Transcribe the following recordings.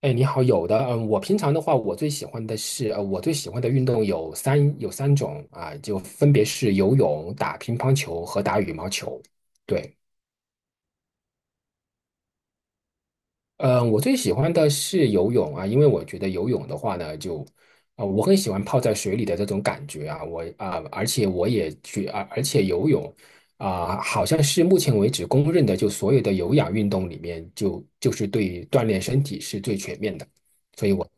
哎，你好，有的，我平常的话，我最喜欢的运动有三种啊，就分别是游泳、打乒乓球和打羽毛球。对，嗯，我最喜欢的是游泳啊，因为我觉得游泳的话呢，就，啊，我很喜欢泡在水里的这种感觉啊，我啊，而且我也去啊，而且游泳啊，好像是目前为止公认的，就所有的有氧运动里面就是对锻炼身体是最全面的，所以我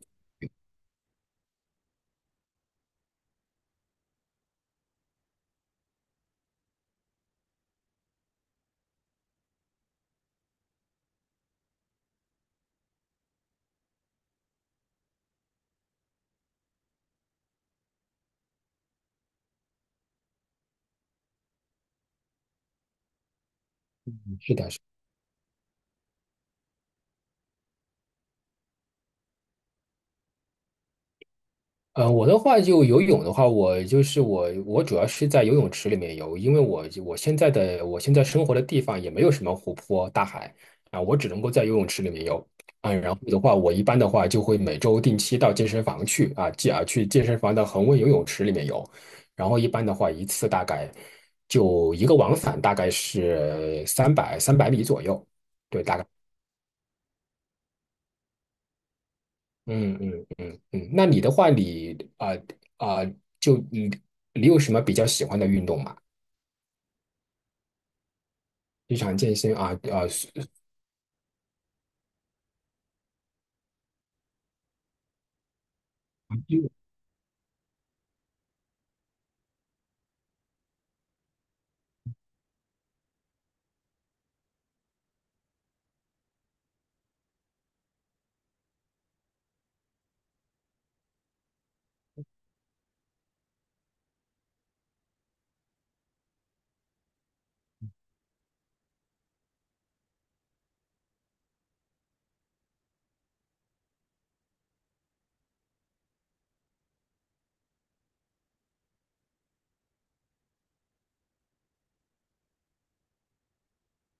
是的。我的话就游泳的话，我主要是在游泳池里面游，因为我现在生活的地方也没有什么湖泊、大海啊，我只能够在游泳池里面游啊。然后的话，我一般的话就会每周定期到健身房去啊，去健身房的恒温游泳池里面游，然后一般的话一次大概就一个往返大概是三百米左右。嗯嗯嗯嗯，那你的话你，啊啊就你有什么比较喜欢的运动吗？日常健身啊是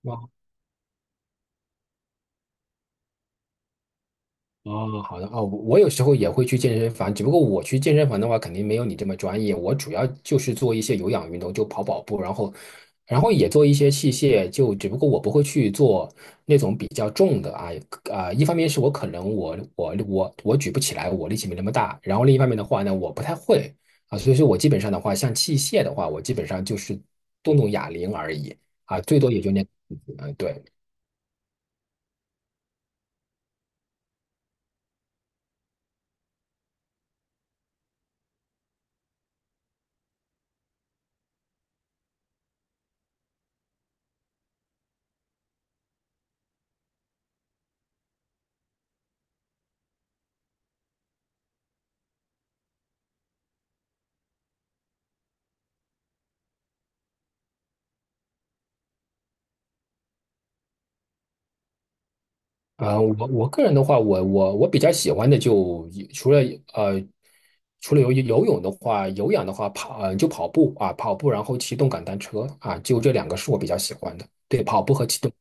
吗？哦好的啊，我有时候也会去健身房，只不过我去健身房的话，肯定没有你这么专业。我主要就是做一些有氧运动，就跑跑步，然后也做一些器械，就只不过我不会去做那种比较重的啊、一方面是我可能我举不起来，我力气没那么大，然后另一方面的话呢，我不太会啊，所以说我基本上的话，像器械的话，我基本上就是动动哑铃而已啊，最多也就那，嗯，对。啊，我个人的话，我比较喜欢的就呃，除了游泳的话，有氧的话就跑步啊，跑步然后骑动感单车啊，就这两个是我比较喜欢的。对，跑步和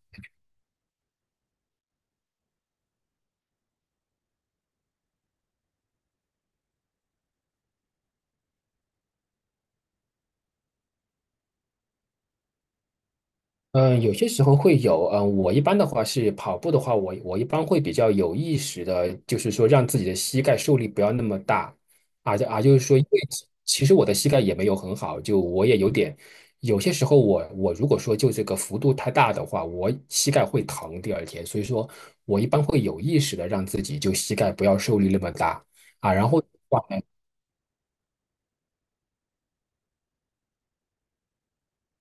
嗯，有些时候会有，嗯，我一般的话是跑步的话，我一般会比较有意识的，就是说让自己的膝盖受力不要那么大，啊就啊，就是说，因为其实我的膝盖也没有很好，就我也有点，有些时候我如果说就这个幅度太大的话，我膝盖会疼第二天，所以说我一般会有意识的让自己就膝盖不要受力那么大啊，然后的话呢，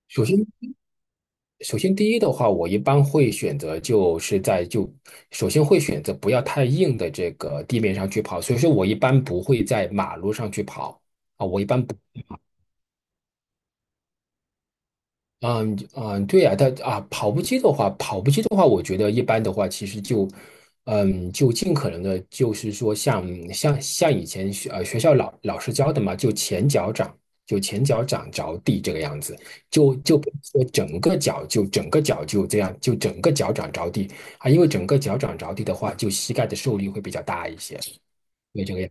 首先。首先，第一的话，我一般会选择就是在就首先会选择不要太硬的这个地面上去跑，所以说我一般不会在马路上去跑啊，我一般不。嗯嗯，对呀，但啊，跑步机的话，我觉得一般的话，其实就，就尽可能的，就是说像以前学校老师教的嘛，就前脚掌着地这个样子，就不是说整个脚就这样，就整个脚掌着地啊，因为整个脚掌着地的话，就膝盖的受力会比较大一些，对这个样。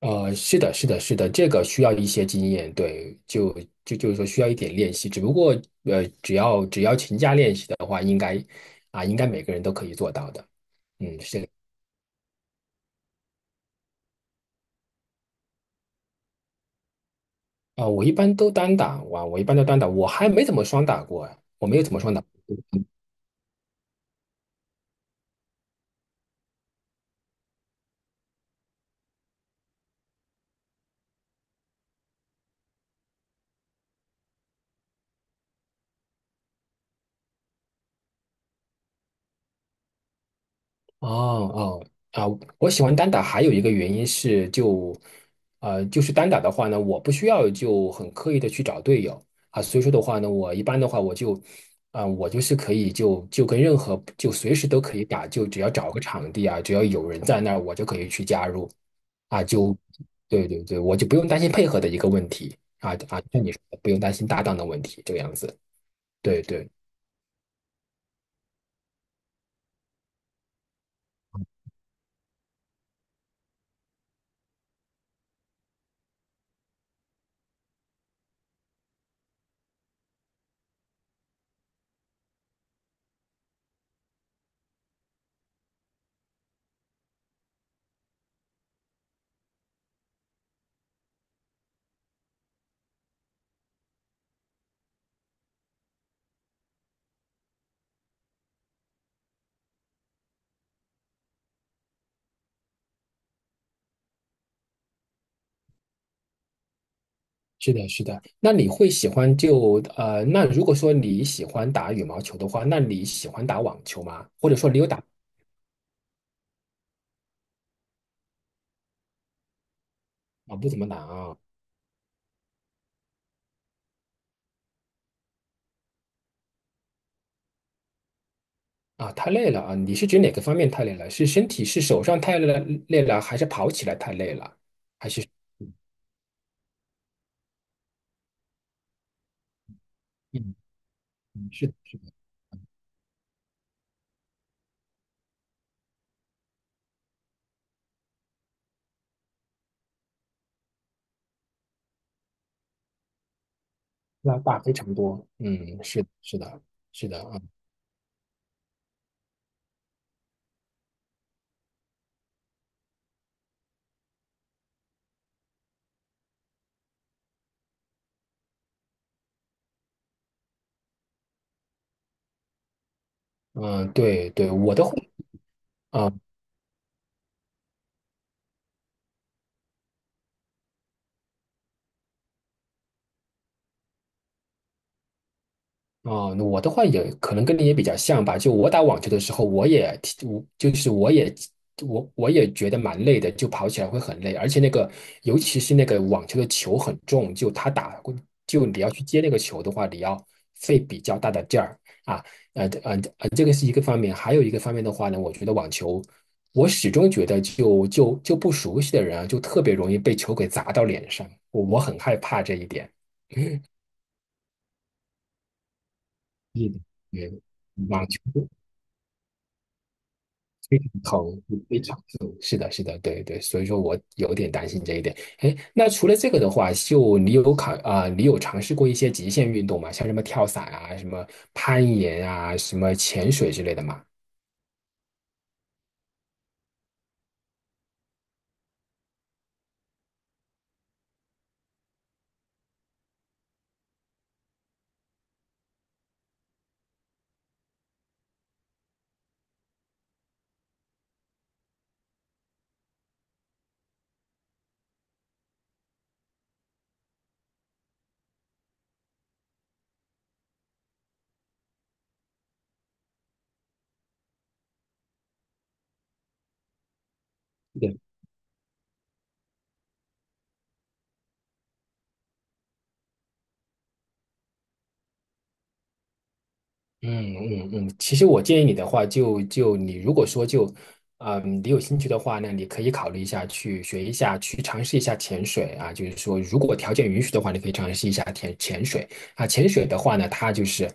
是的，是的，是的，这个需要一些经验，对，就是说需要一点练习，只不过只要勤加练习的话，应该应该每个人都可以做到的，嗯，是的啊，我一般都单打，哇，我一般都单打，我还没怎么双打过啊，哎我没有怎么双。打。哦哦啊，我喜欢单打还有一个原因是就是单打的话呢，我不需要就很刻意的去找队友啊，所以说的话呢，我一般的话我就，啊、我就是可以就跟任何就随时都可以打，就只要找个场地啊，只要有人在那儿，我就可以去加入啊，对对对，我就不用担心配合的一个问题啊，像你说的不用担心搭档的问题，这个样子，对对。是的，是的。那如果说你喜欢打羽毛球的话，那你喜欢打网球吗？或者说你有打啊？不怎么打啊？啊，太累了啊！你是指哪个方面太累了？是身体是手上太累了还是跑起来太累了？嗯，是的，要大非常多。嗯，是的，是的，是的啊。嗯，对对，我的话。啊哦，那我的话也可能跟你也比较像吧。就我打网球的时候，我也挺我就是我也我我也觉得蛮累的，就跑起来会很累，而且那个尤其是那个网球的球很重，就他打就你要去接那个球的话，你要费比较大的劲儿啊。这个是一个方面，还有一个方面的话呢，我觉得网球，我始终觉得就不熟悉的人啊，就特别容易被球给砸到脸上，我很害怕这一点。嗯，对，网球。非常疼，非常疼，是的，是的，对对，所以说我有点担心这一点。哎，那除了这个的话，就你有考啊、你有尝试过一些极限运动吗？像什么跳伞啊、什么攀岩啊、什么潜水之类的吗？嗯嗯嗯，其实我建议你的话就，就你如果说就，啊，你有兴趣的话呢，你可以考虑一下去学一下，去尝试一下潜水啊。就是说，如果条件允许的话，你可以尝试一下潜水啊。潜水的话呢，它就是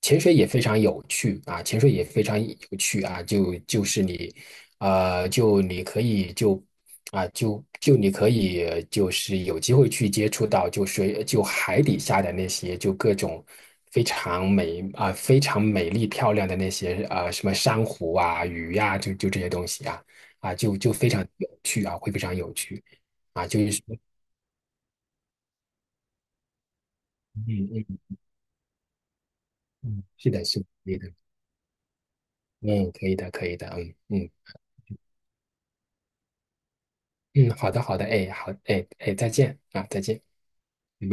潜水也非常有趣啊，潜水也非常有趣啊。你可以就啊、就就你可以就是有机会去接触到就水就海底下的那些就各种非常美丽漂亮的那些啊、什么珊瑚啊鱼呀、就这些东西啊就非常有趣啊会非常有趣啊就是说嗯嗯嗯是的是的可以的嗯可以的可以的嗯嗯嗯好的好的哎好哎哎再见啊再见。嗯。